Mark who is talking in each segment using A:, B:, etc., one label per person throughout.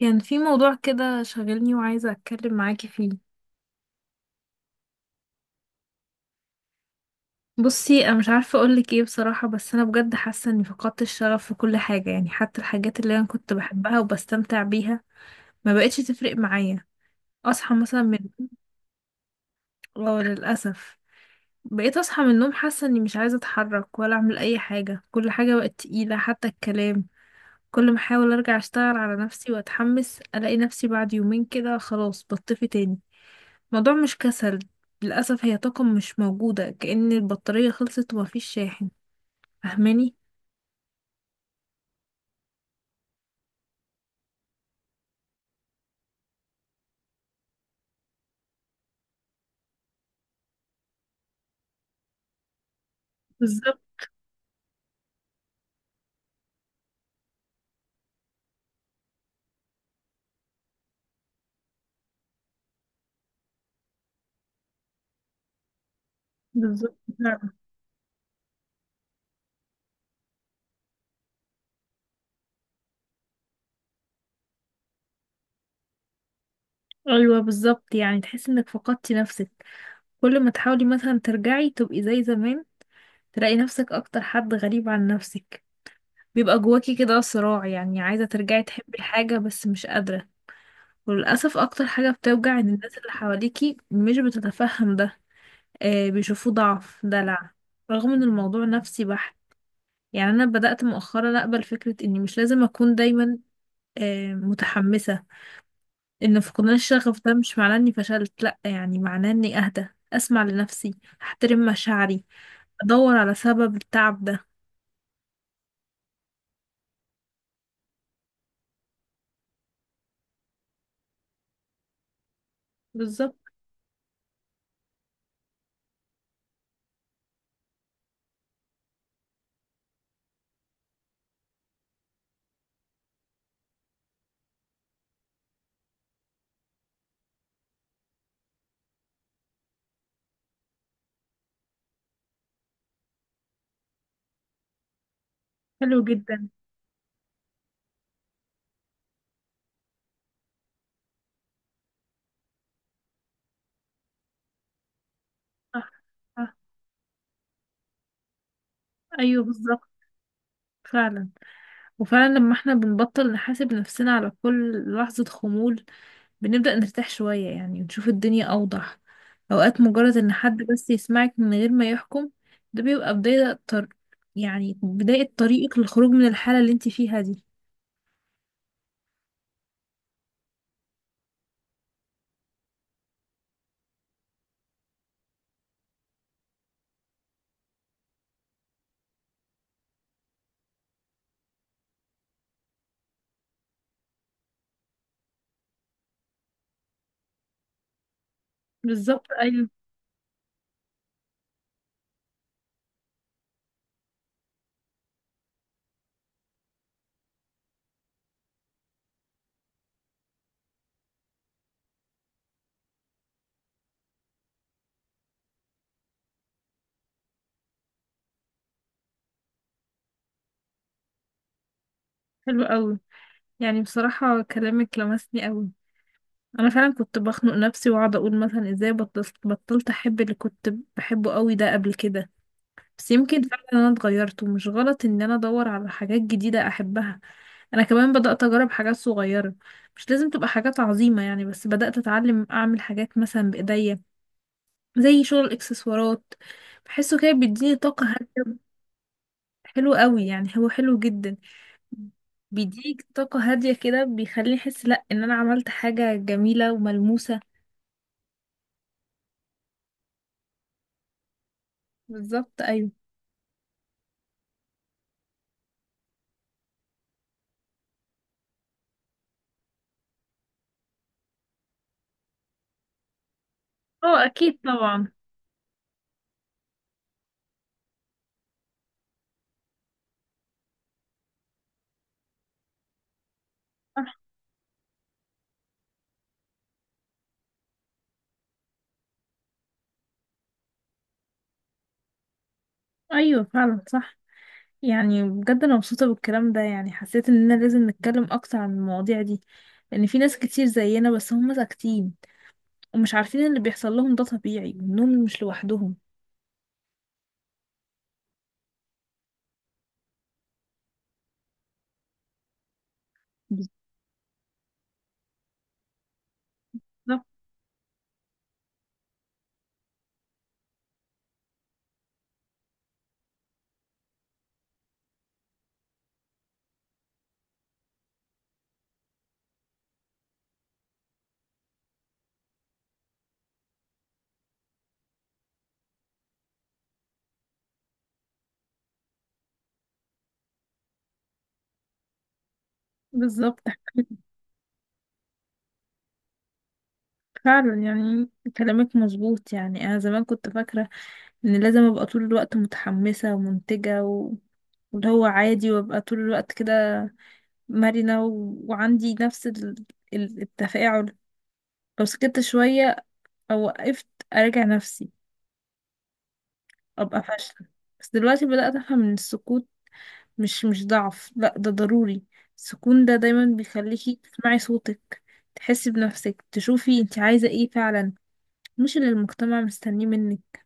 A: كان في موضوع كده شاغلني وعايزة أتكلم معاكي فيه. بصي، أنا مش عارفة أقولك إيه بصراحة، بس أنا بجد حاسة إني فقدت الشغف في كل حاجة، يعني حتى الحاجات اللي أنا كنت بحبها وبستمتع بيها ما بقتش تفرق معايا. أصحى مثلا من... اه، للأسف، بقيت أصحى من النوم حاسة إني مش عايزة أتحرك ولا أعمل أي حاجة، كل حاجة بقت تقيلة حتى الكلام. كل ما أحاول أرجع أشتغل على نفسي وأتحمس، ألاقي نفسي بعد يومين كده خلاص بطفي تاني. الموضوع مش كسل، للأسف هي طاقة مش موجودة، كأن البطارية خلصت ومفيش شاحن. فاهماني؟ بالظبط. بالظبط فعلا. ايوه بالظبط، يعني تحس انك فقدتي نفسك. كل ما تحاولي مثلا ترجعي تبقي زي زمان، تلاقي نفسك اكتر حد غريب عن نفسك. بيبقى جواكي كده صراع، يعني عايزة ترجعي تحبي حاجة بس مش قادرة. وللأسف أكتر حاجة بتوجع إن الناس اللي حواليكي مش بتتفهم ده، آه، بيشوفوه ضعف، دلع، رغم إن الموضوع نفسي بحت. يعني انا بدأت مؤخرا اقبل فكرة اني مش لازم اكون دايما متحمسة. ان فقدان الشغف ده مش معناه اني فشلت، لا، يعني معناه اني اهدى، اسمع لنفسي، احترم مشاعري، ادور على سبب التعب ده. بالظبط. حلو جدا. صح. صح. ايوه بالظبط فعلا. وفعلا لما احنا بنبطل نحاسب نفسنا على كل لحظة خمول، بنبدأ نرتاح شوية يعني، ونشوف الدنيا أوضح. أوقات مجرد إن حد بس يسمعك من غير ما يحكم، ده بيبقى بداية يعني بداية طريقك للخروج من الحالة اللي انت فيها دي. بالظبط، أيوة. حلو أوي. يعني بصراحة كلامك لمسني أوي. أنا فعلا كنت بخنق نفسي وأقعد أقول مثلا إزاي بطلت أحب اللي كنت بحبه أوي ده قبل كده، بس يمكن فعلا انا اتغيرت، ومش غلط ان انا ادور على حاجات جديدة احبها. انا كمان بدأت اجرب حاجات صغيرة، مش لازم تبقى حاجات عظيمة يعني، بس بدأت اتعلم اعمل حاجات مثلا بايديا، زي شغل الاكسسوارات، بحسه كده بيديني طاقة هادية. حلو قوي، يعني هو حلو جدا، بيديك طاقة هادية كده، بيخليني احس لا ان انا عملت حاجة جميلة وملموسة. بالظبط، ايوه. اه، اكيد طبعا. صح. ايوه فعلا صح. يعني بجد انا مبسوطه بالكلام ده، يعني حسيت اننا لازم نتكلم اكتر عن المواضيع دي، لان في ناس كتير زينا بس هم ساكتين ومش عارفين إن اللي بيحصل لهم ده طبيعي وانهم مش لوحدهم. بالظبط. بالظبط فعلا. يعني كلامك مظبوط، يعني انا زمان كنت فاكره ان لازم ابقى طول الوقت متحمسه ومنتجه واللي هو عادي، وابقى طول الوقت كده مرنة وعندي نفس التفاعل. لو سكت شوية أو وقفت أراجع نفسي، ابقى فاشله. بس دلوقتي بدأت افهم ان السكوت مش ضعف، لا ده ضروري. السكون ده دايما بيخليكي تسمعي صوتك، تحسي بنفسك، تشوفي انت عايزة ايه فعلا، مش اللي المجتمع مستنيه منك.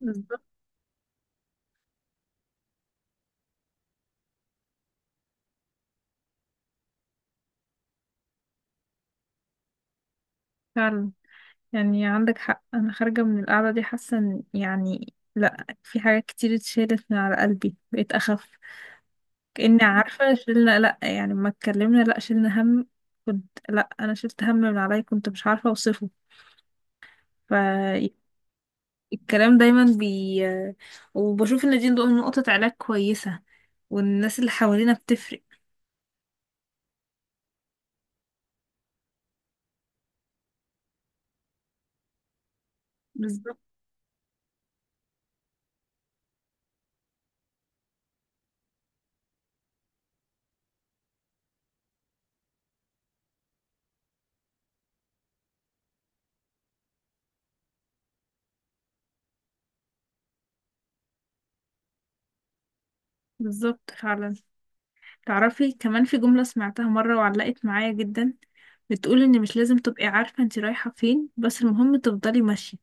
A: بالظبط فعلا. يعني عندك حق، انا خارجه من القعده دي حاسه يعني لا، في حاجات كتير اتشالت من على قلبي، بقيت اخف، كاني عارفه شلنا، لا يعني ما اتكلمنا، لا شلنا هم، كنت لا، انا شلت هم من عليا، كنت مش عارفه اوصفه. ف الكلام دايما بي وبشوف ان دي نقطة علاج كويسة، والناس اللي حوالينا بتفرق. بالظبط. بالظبط فعلا. تعرفي كمان في جملة سمعتها مرة وعلقت معايا جدا، بتقول ان مش لازم تبقي عارفة انت رايحة فين، بس المهم تفضلي ماشية،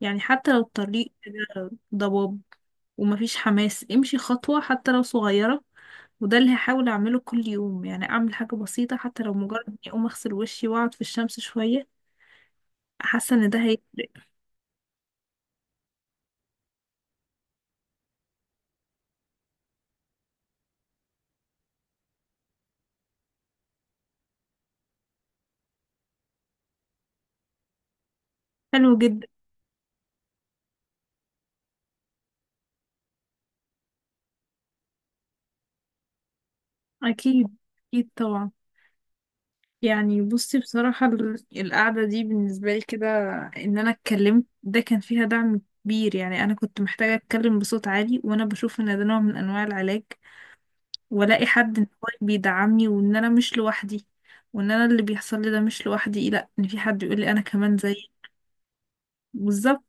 A: يعني حتى لو الطريق كده ضباب ومفيش حماس، امشي خطوة حتى لو صغيرة. وده اللي هحاول اعمله كل يوم، يعني اعمل حاجة بسيطة حتى لو مجرد اني اقوم اغسل وشي واقعد في الشمس شوية، حاسة ان ده هيفرق. حلو جدا. أكيد. أكيد طبعا. يعني بصي بصراحة القعدة دي بالنسبة لي كده، إن أنا اتكلمت ده كان فيها دعم كبير، يعني أنا كنت محتاجة أتكلم بصوت عالي، وأنا بشوف إن ده نوع من أنواع العلاج، وألاقي حد إن هو بيدعمني وإن أنا مش لوحدي، وإن أنا اللي بيحصل لي ده مش لوحدي، لأ، إن في حد يقول لي أنا كمان زيك. بالظبط.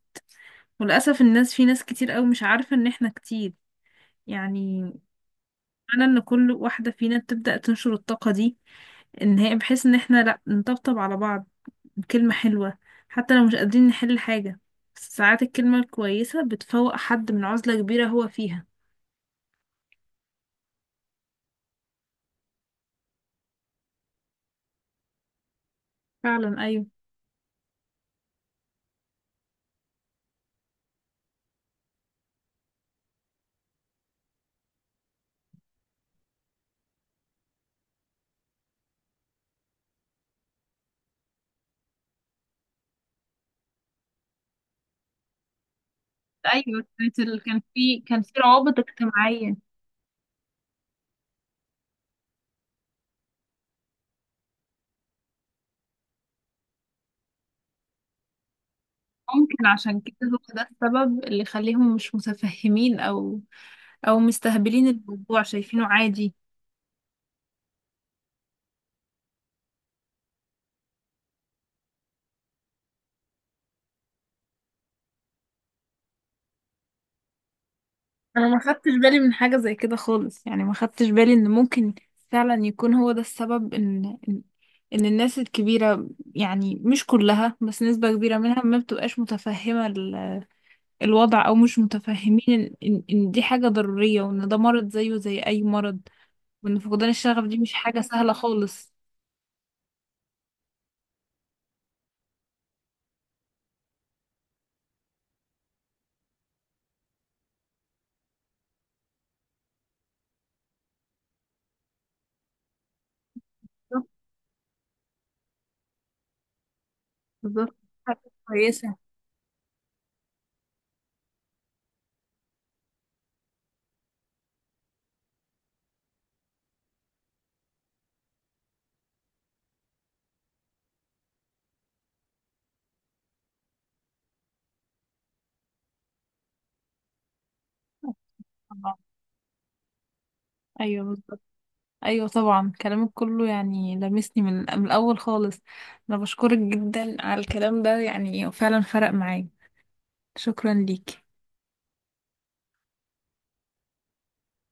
A: وللأسف الناس، في ناس كتير أوي مش عارفة إن إحنا كتير. يعني أنا إن كل واحدة فينا تبدأ تنشر الطاقة دي، إن هي بحيث إن إحنا لأ نطبطب على بعض، كلمة حلوة، حتى لو مش قادرين نحل حاجة، بس ساعات الكلمة الكويسة بتفوق حد من عزلة كبيرة هو فيها. فعلا أيوه. ايوه كان في روابط اجتماعيه. ممكن عشان كده هو ده السبب اللي يخليهم مش متفهمين، او او مستهبلين الموضوع شايفينه عادي. انا ما خدتش بالي من حاجة زي كده خالص، يعني ما خدتش بالي ان ممكن فعلا يكون هو ده السبب ان إن الناس الكبيرة، يعني مش كلها بس نسبة كبيرة منها ما بتبقاش متفهمة الوضع، او مش متفهمين ان إن دي حاجة ضرورية، وان ده مرض زيه زي اي مرض، وان فقدان الشغف دي مش حاجة سهلة خالص. بالظبط. بالظبط. حاجة كويسة. طبعا. ايوه بالظبط. ايوه طبعا، كلامك كله يعني لمسني من الاول خالص. انا بشكرك جدا على الكلام ده، يعني فعلا فرق معايا. شكرا ليك.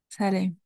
A: سلام.